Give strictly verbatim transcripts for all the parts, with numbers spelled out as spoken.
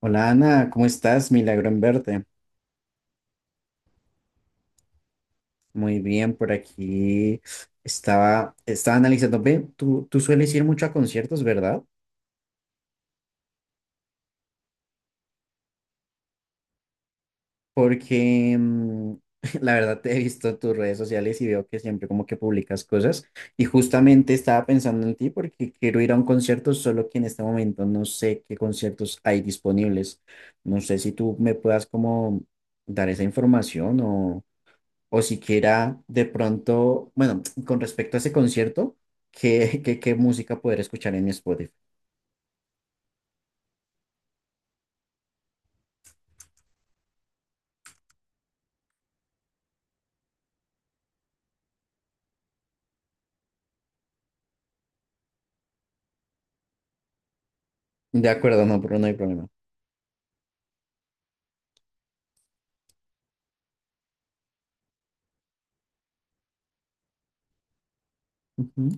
Hola Ana, ¿cómo estás? Milagro en verte. Muy bien, por aquí estaba, estaba analizando. Ve, tú, tú sueles ir mucho a conciertos, ¿verdad? Porque mm, la verdad te he visto en tus redes sociales y veo que siempre como que publicas cosas. Y justamente estaba pensando en ti porque quiero ir a un concierto, solo que en este momento no sé qué conciertos hay disponibles. No sé si tú me puedas como dar esa información o o siquiera de pronto, bueno, con respecto a ese concierto, ¿qué, qué, qué música poder escuchar en mi Spotify? De acuerdo, no, pero no hay problema. Ujú.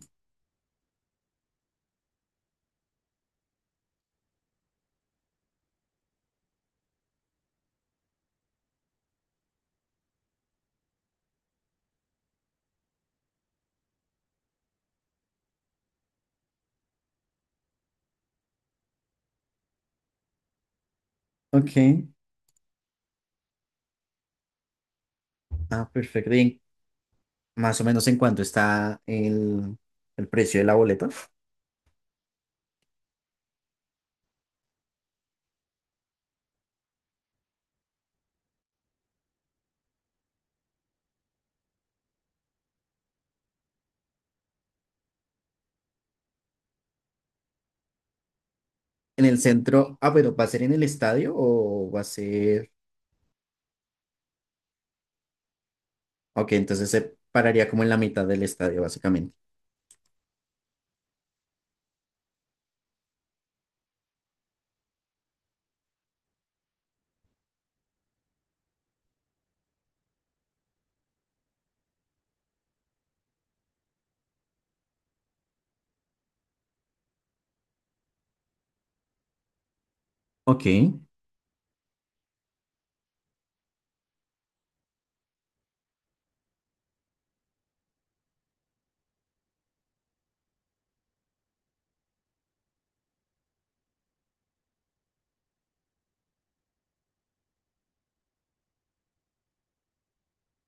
Ok, ah, perfecto. Y más o menos en cuánto está el, el precio de la boleta. En el centro, ah, pero ¿va a ser en el estadio o va a ser? Ok, entonces se pararía como en la mitad del estadio, básicamente. Ok,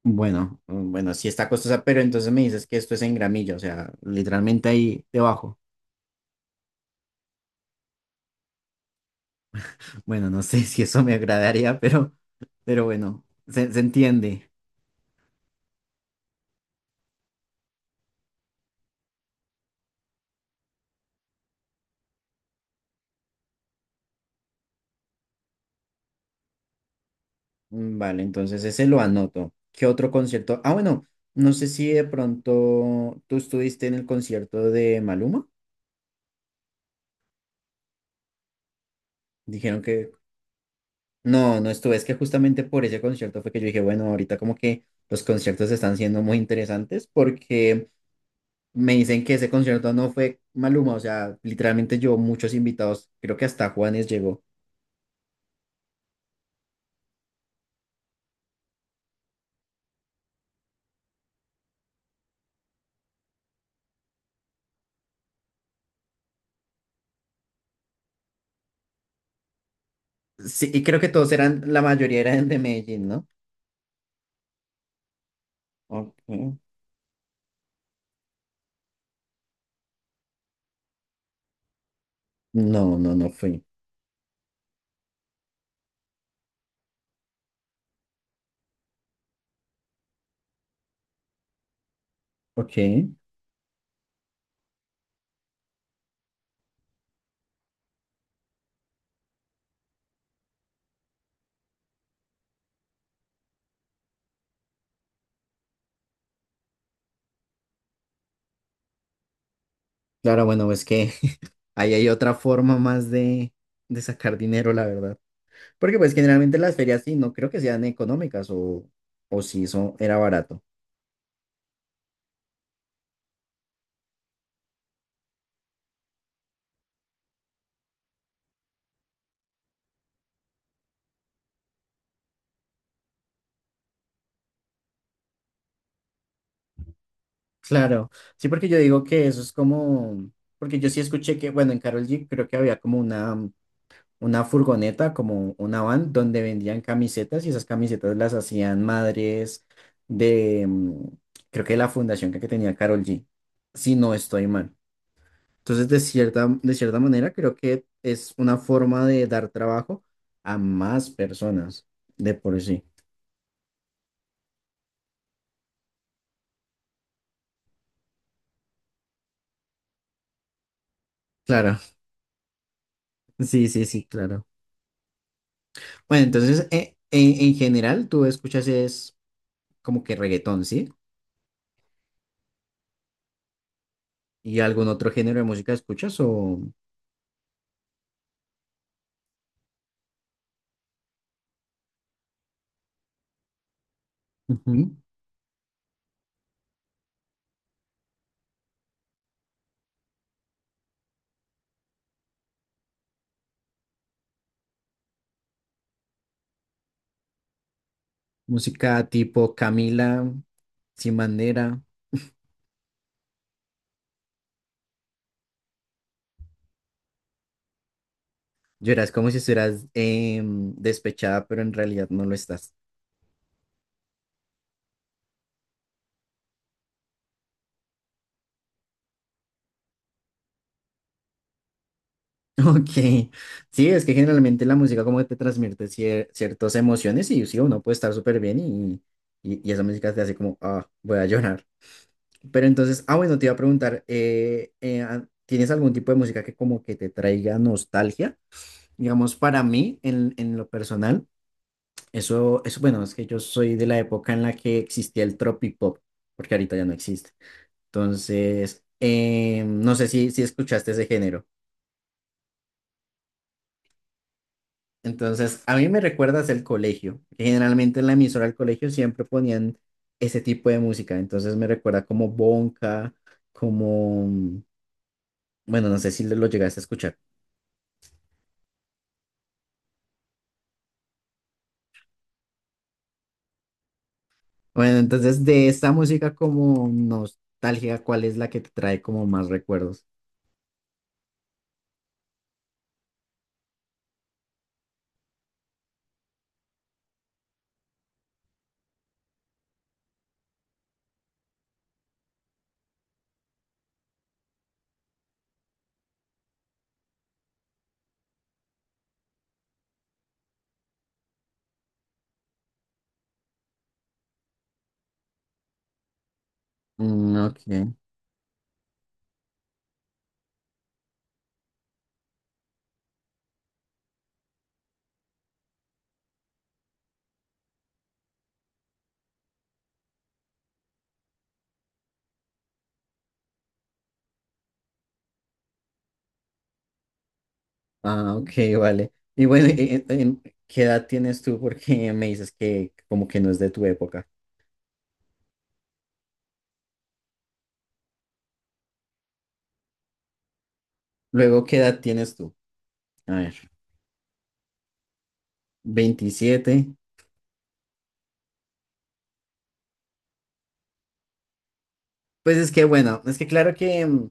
bueno, mm, bueno, sí está costosa, pero entonces me dices que esto es en gramilla, o sea, literalmente ahí debajo. Bueno, no sé si eso me agradaría, pero, pero bueno, se, se entiende. Mm, Vale, entonces ese lo anoto. ¿Qué otro concierto? Ah, bueno, no sé si de pronto tú estuviste en el concierto de Maluma. Dijeron que… No, no estuve. Es que justamente por ese concierto fue que yo dije, bueno, ahorita como que los conciertos están siendo muy interesantes porque me dicen que ese concierto no fue Maluma. O sea, literalmente yo, muchos invitados, creo que hasta Juanes llegó. Sí, y creo que todos eran, la mayoría eran de Medellín, ¿no? Ok. No, no, no fui. Ok. Claro, bueno, es que ahí hay otra forma más de, de sacar dinero, la verdad. Porque pues generalmente las ferias sí, no creo que sean económicas o, o si eso era barato. Claro, sí, porque yo digo que eso es como, porque yo sí escuché que, bueno, en Carol G creo que había como una, mm, una furgoneta, como una van, donde vendían camisetas y esas camisetas las hacían madres de, mm, creo que de la fundación que que tenía Carol G, si no estoy mal. Entonces, de cierta, de cierta manera, creo que es una forma de dar trabajo a más personas de por sí. Claro, sí, sí, sí, claro. Bueno, entonces, eh, en, en general, tú escuchas es como que reggaetón, ¿sí? ¿Y algún otro género de música escuchas o? Ujú. ¿Música tipo Camila, Sin Bandera? Lloras como si estuvieras em, despechada, pero en realidad no lo estás. Ok, sí, es que generalmente la música como que te transmite cier- ciertas emociones y sí, uno puede estar súper bien y, y, y esa música te hace como, ah, voy a llorar. Pero entonces, ah, bueno, te iba a preguntar, eh, eh, ah, ¿tienes algún tipo de música que como que te traiga nostalgia? Digamos, para mí, en, en lo personal, eso, eso, bueno, es que yo soy de la época en la que existía el tropipop, porque ahorita ya no existe. Entonces, eh, no sé si, si escuchaste ese género. Entonces, a mí me recuerdas el colegio que generalmente en la emisora del colegio siempre ponían ese tipo de música. Entonces me recuerda como Bonka, como, mm, bueno, no sé si lo llegaste a escuchar. Bueno, entonces de esta música como nostalgia, ¿cuál es la que te trae como más recuerdos? Mm, ok. Ah, ok, vale. Y bueno, e- e- en- ¿qué edad tienes tú? Porque me dices que como que no es de tu época. Luego, ¿qué edad tienes tú? A ver, veintisiete. Pues es que bueno, es que claro que, mm,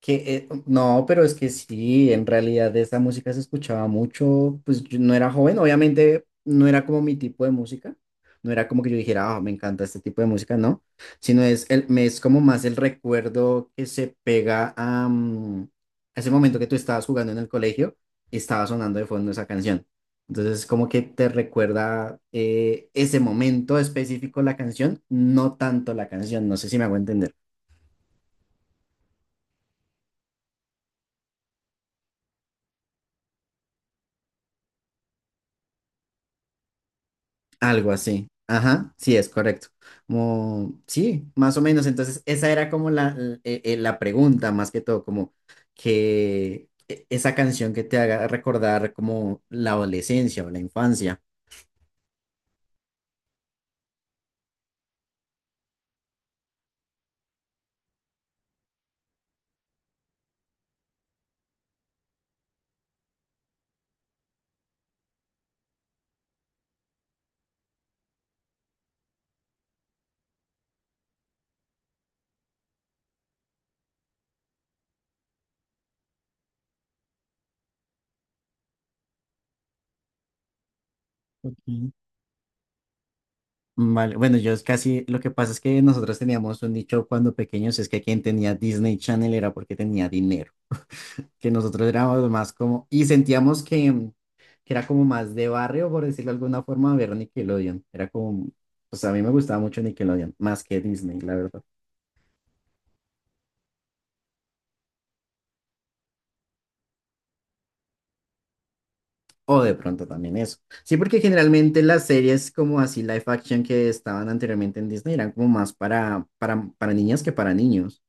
que eh, no, pero es que sí, en realidad esa música se escuchaba mucho, pues yo no era joven, obviamente no era como mi tipo de música, no era como que yo dijera, ah, me encanta este tipo de música, no, sino es, el, me- es como más el recuerdo que se pega a, mm, a ese momento que tú estabas jugando en el colegio y estaba sonando de fondo esa canción. Entonces como que te recuerda eh, ese momento específico la canción, no tanto la canción, no sé si me hago entender. Algo así. Ajá, sí, es correcto. Como, sí, más o menos. Entonces, esa era como la, l- eh, eh, la pregunta, más que todo, como que e- esa canción que te haga recordar como la adolescencia o la infancia. Ok. Vale, bueno, yo es casi, lo que pasa es que nosotros teníamos un dicho cuando pequeños, es que quien tenía Disney Channel era porque tenía dinero, que nosotros éramos más como, y sentíamos que, que, era como más de barrio, por decirlo de alguna forma, ver Nickelodeon. Era como, pues a mí me gustaba mucho Nickelodeon, más que Disney, la verdad. O de pronto también eso. Sí, porque generalmente las series como así live action que estaban anteriormente en Disney eran como más para, para, para niñas que para niños.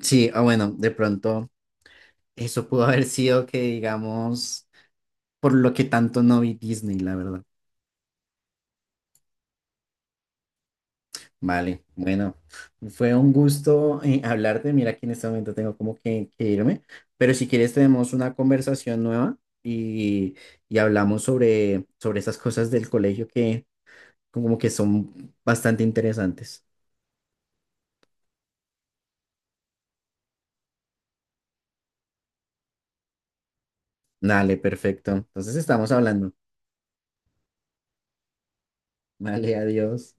Sí, o bueno, de pronto eso pudo haber sido que digamos, por lo que tanto no vi Disney, la verdad. Vale, bueno, fue un gusto eh, hablarte. Mira que en este momento tengo como que, que irme, pero si quieres tenemos una conversación nueva y, y, hablamos sobre, sobre estas cosas del colegio que como que son bastante interesantes. Dale, perfecto. Entonces estamos hablando. Vale, adiós.